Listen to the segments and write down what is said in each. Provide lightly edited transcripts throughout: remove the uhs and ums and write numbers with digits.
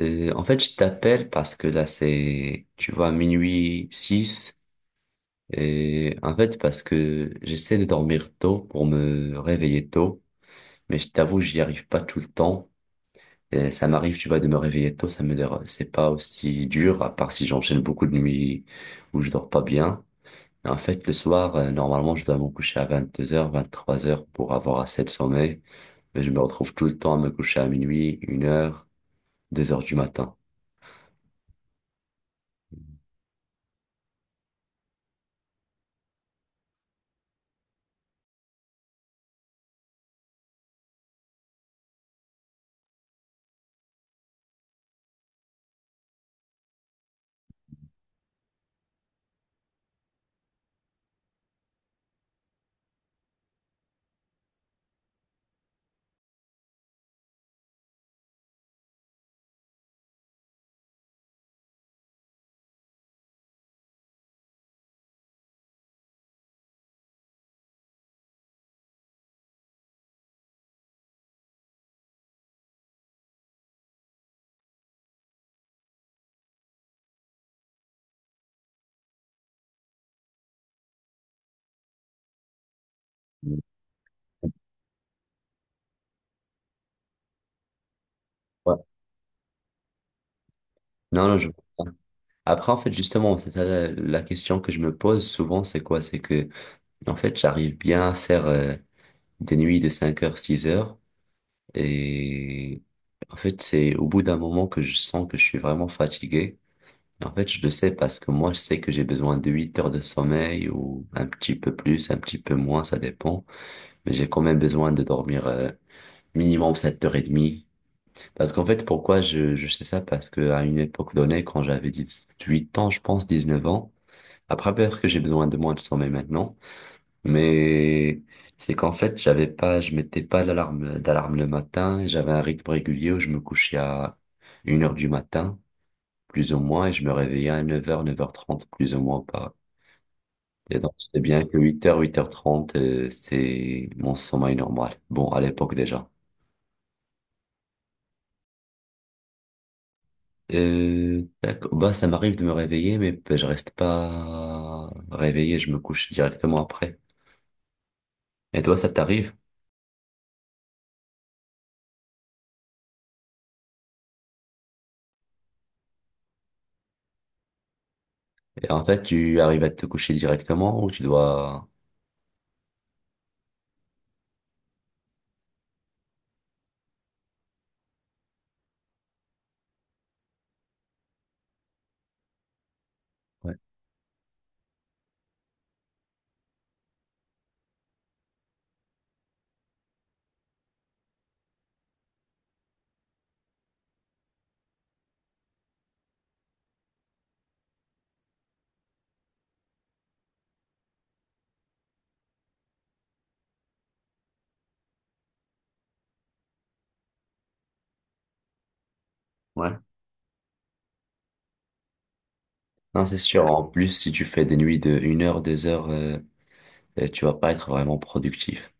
En fait, je t'appelle parce que là, c'est, tu vois, minuit 6. Et en fait, parce que j'essaie de dormir tôt pour me réveiller tôt. Mais je t'avoue, j'y arrive pas tout le temps. Et ça m'arrive, tu vois, de me réveiller tôt. Ça me dérange. C'est pas aussi dur, à part si j'enchaîne beaucoup de nuits où je dors pas bien. Mais en fait, le soir, normalement, je dois me coucher à 22h, 23h pour avoir assez de sommeil. Mais je me retrouve tout le temps à me coucher à minuit, une heure, deux heures du matin. Mhm. Ouais. Non, non, je comprends. Après, en fait, justement, c'est ça la question que je me pose souvent, c'est quoi? C'est que, en fait, j'arrive bien à faire des nuits de 5 heures, 6 heures, et en fait, c'est au bout d'un moment que je sens que je suis vraiment fatigué. Et en fait, je le sais parce que moi, je sais que j'ai besoin de 8 heures de sommeil ou un petit peu plus, un petit peu moins, ça dépend. Mais j'ai quand même besoin de dormir minimum 7h30. Parce qu'en fait, pourquoi je sais ça? Parce que à une époque donnée, quand j'avais 18 ans, je pense 19 ans, après peut-être que j'ai besoin de moins de sommeil maintenant, mais c'est qu'en fait, j'avais pas, je mettais pas d'alarme le matin, et j'avais un rythme régulier où je me couchais à une heure du matin, plus ou moins, et je me réveillais à 9 heures 9h30 plus ou moins pas. Et donc, c'est bien que 8 heures 8h30 c'est mon sommeil normal. Bon, à l'époque déjà. D'accord. Bah, ça m'arrive de me réveiller, mais bah, je reste pas réveillé, je me couche directement après. Et toi, ça t'arrive? Et en fait, tu arrives à te coucher directement ou tu dois... Ouais. Ouais. Non, c'est sûr. En plus, si tu fais des nuits de une heure, deux heures, tu vas pas être vraiment productif.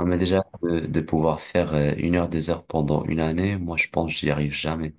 Non, mais déjà, de pouvoir faire une heure, deux heures pendant une année, moi, je pense que j'y arrive jamais.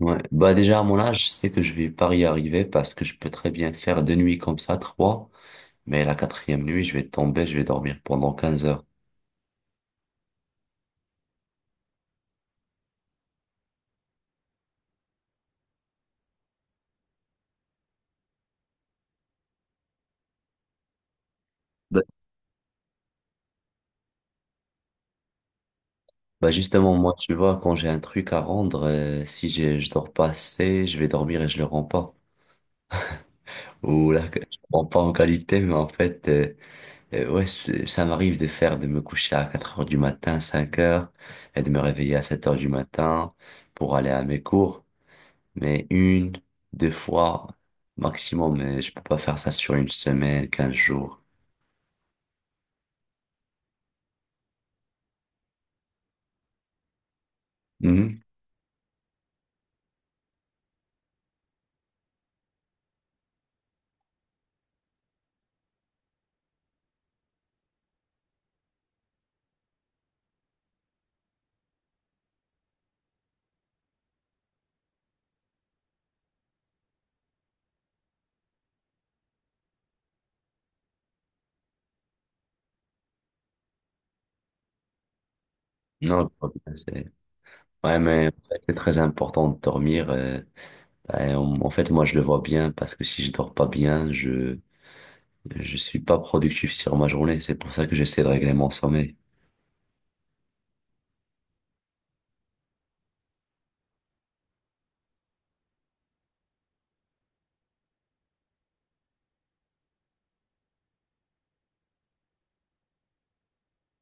Ouais. Bah, déjà, à mon âge, je sais que je vais pas y arriver parce que je peux très bien faire deux nuits comme ça, trois. Mais la quatrième nuit, je vais tomber, je vais dormir pendant 15 heures. Bah, Bah justement, moi, tu vois, quand j'ai un truc à rendre, si j'ai, je dors pas assez, je vais dormir et je le rends pas. Ou là, je rends pas en qualité, mais en fait, ouais, ça m'arrive de faire, de me coucher à 4 heures du matin, 5 heures, et de me réveiller à 7 heures du matin pour aller à mes cours. Mais une, deux fois maximum, mais je peux pas faire ça sur une semaine, 15 jours. Mhm. Non, je vois bien, ouais, mais c'est très important de dormir. En fait, moi, je le vois bien parce que si je dors pas bien, je suis pas productif sur ma journée. C'est pour ça que j'essaie de régler mon sommeil.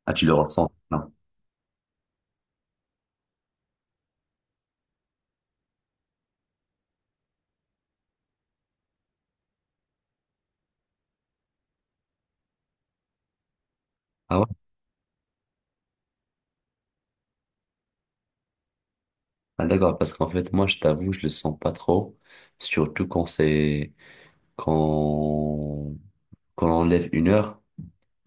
Ah, tu le ressens? Non. Ah ouais? Ah, d'accord, parce qu'en fait, moi, je t'avoue, je le sens pas trop, surtout quand c'est quand quand on lève une heure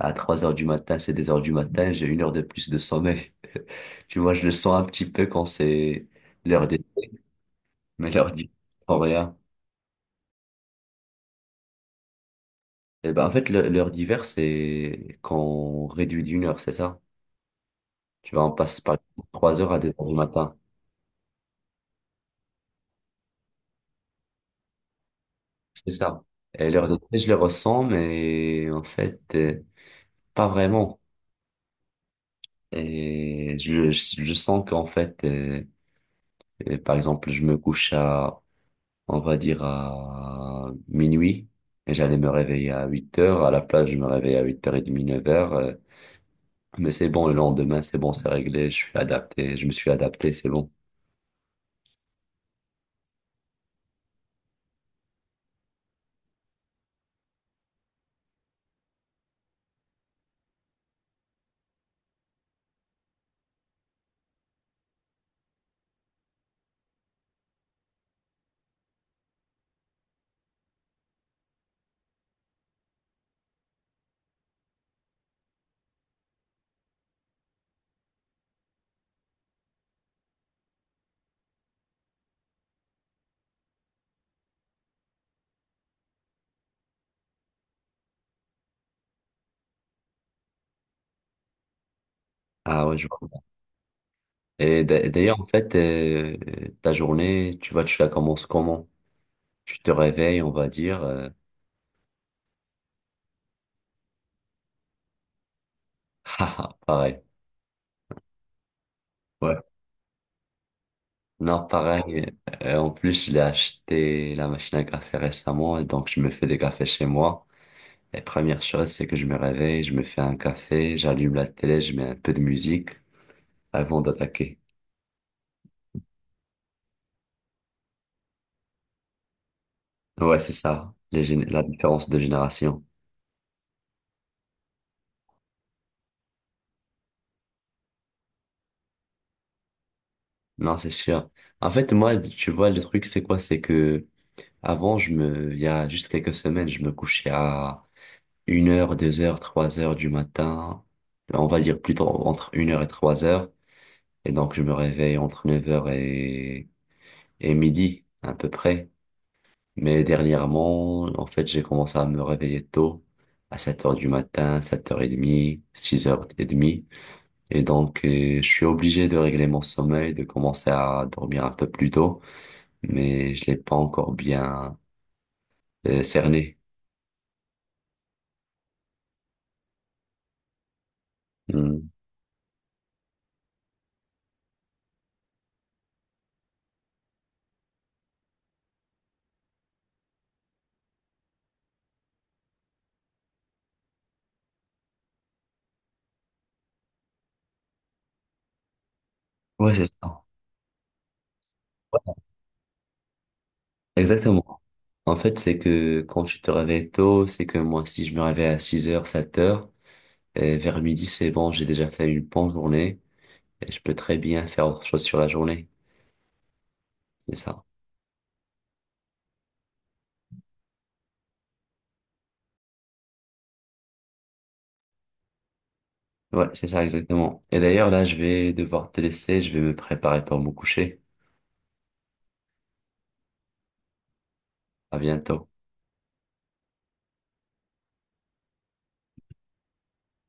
à 3 heures du matin, c'est des heures du matin, j'ai une heure de plus de sommeil. Tu vois, je le sens un petit peu quand c'est l'heure d'été, mais l'heure du rien. Eh ben, en fait, l'heure d'hiver, c'est quand on réduit d'une heure, c'est ça? Tu vois, on passe par 3 heures à 2 heures du matin. C'est ça. Et l'heure d'été, je le ressens, mais en fait, pas vraiment. Et je sens qu'en fait, par exemple, je me couche à, on va dire, à minuit, et j'allais me réveiller à 8 heures. À la place, je me réveille à huit heures 30 9h. euh, Mais c'est bon, le lendemain, c'est bon, c'est réglé, je suis adapté, je me suis adapté, c'est bon. Ah ouais, je Et d'ailleurs, en fait, ta journée, tu vois, tu la commences comment? Tu te réveilles, on va dire. Haha, pareil. Ouais. Non, pareil. En plus, j'ai acheté la machine à café récemment, et donc je me fais des cafés chez moi. Et première chose, c'est que je me réveille, je me fais un café, j'allume la télé, je mets un peu de musique avant d'attaquer. Ouais, c'est ça, la différence de génération. Non, c'est sûr. En fait, moi, tu vois, le truc, c'est quoi? C'est que Avant, il y a juste quelques semaines, je me couchais à une heure, 2 heures, 3 heures du matin. On va dire plutôt entre une heure et 3 heures. Et donc, je me réveille entre 9 heures et midi, à peu près. Mais dernièrement, en fait, j'ai commencé à me réveiller tôt, à 7 heures du matin, 7h30, 6 heures et demie. Et donc, je suis obligé de régler mon sommeil, de commencer à dormir un peu plus tôt. Mais je l'ai pas encore bien cerné. Hmm. Ouais, exactement. En fait, c'est que quand tu te réveilles tôt, c'est que moi, si je me réveille à 6 heures, 7 heures, et vers midi, c'est bon, j'ai déjà fait une bonne journée et je peux très bien faire autre chose sur la journée. C'est ça. Ouais, c'est ça, exactement. Et d'ailleurs, là, je vais devoir te laisser, je vais me préparer pour me coucher. À bientôt.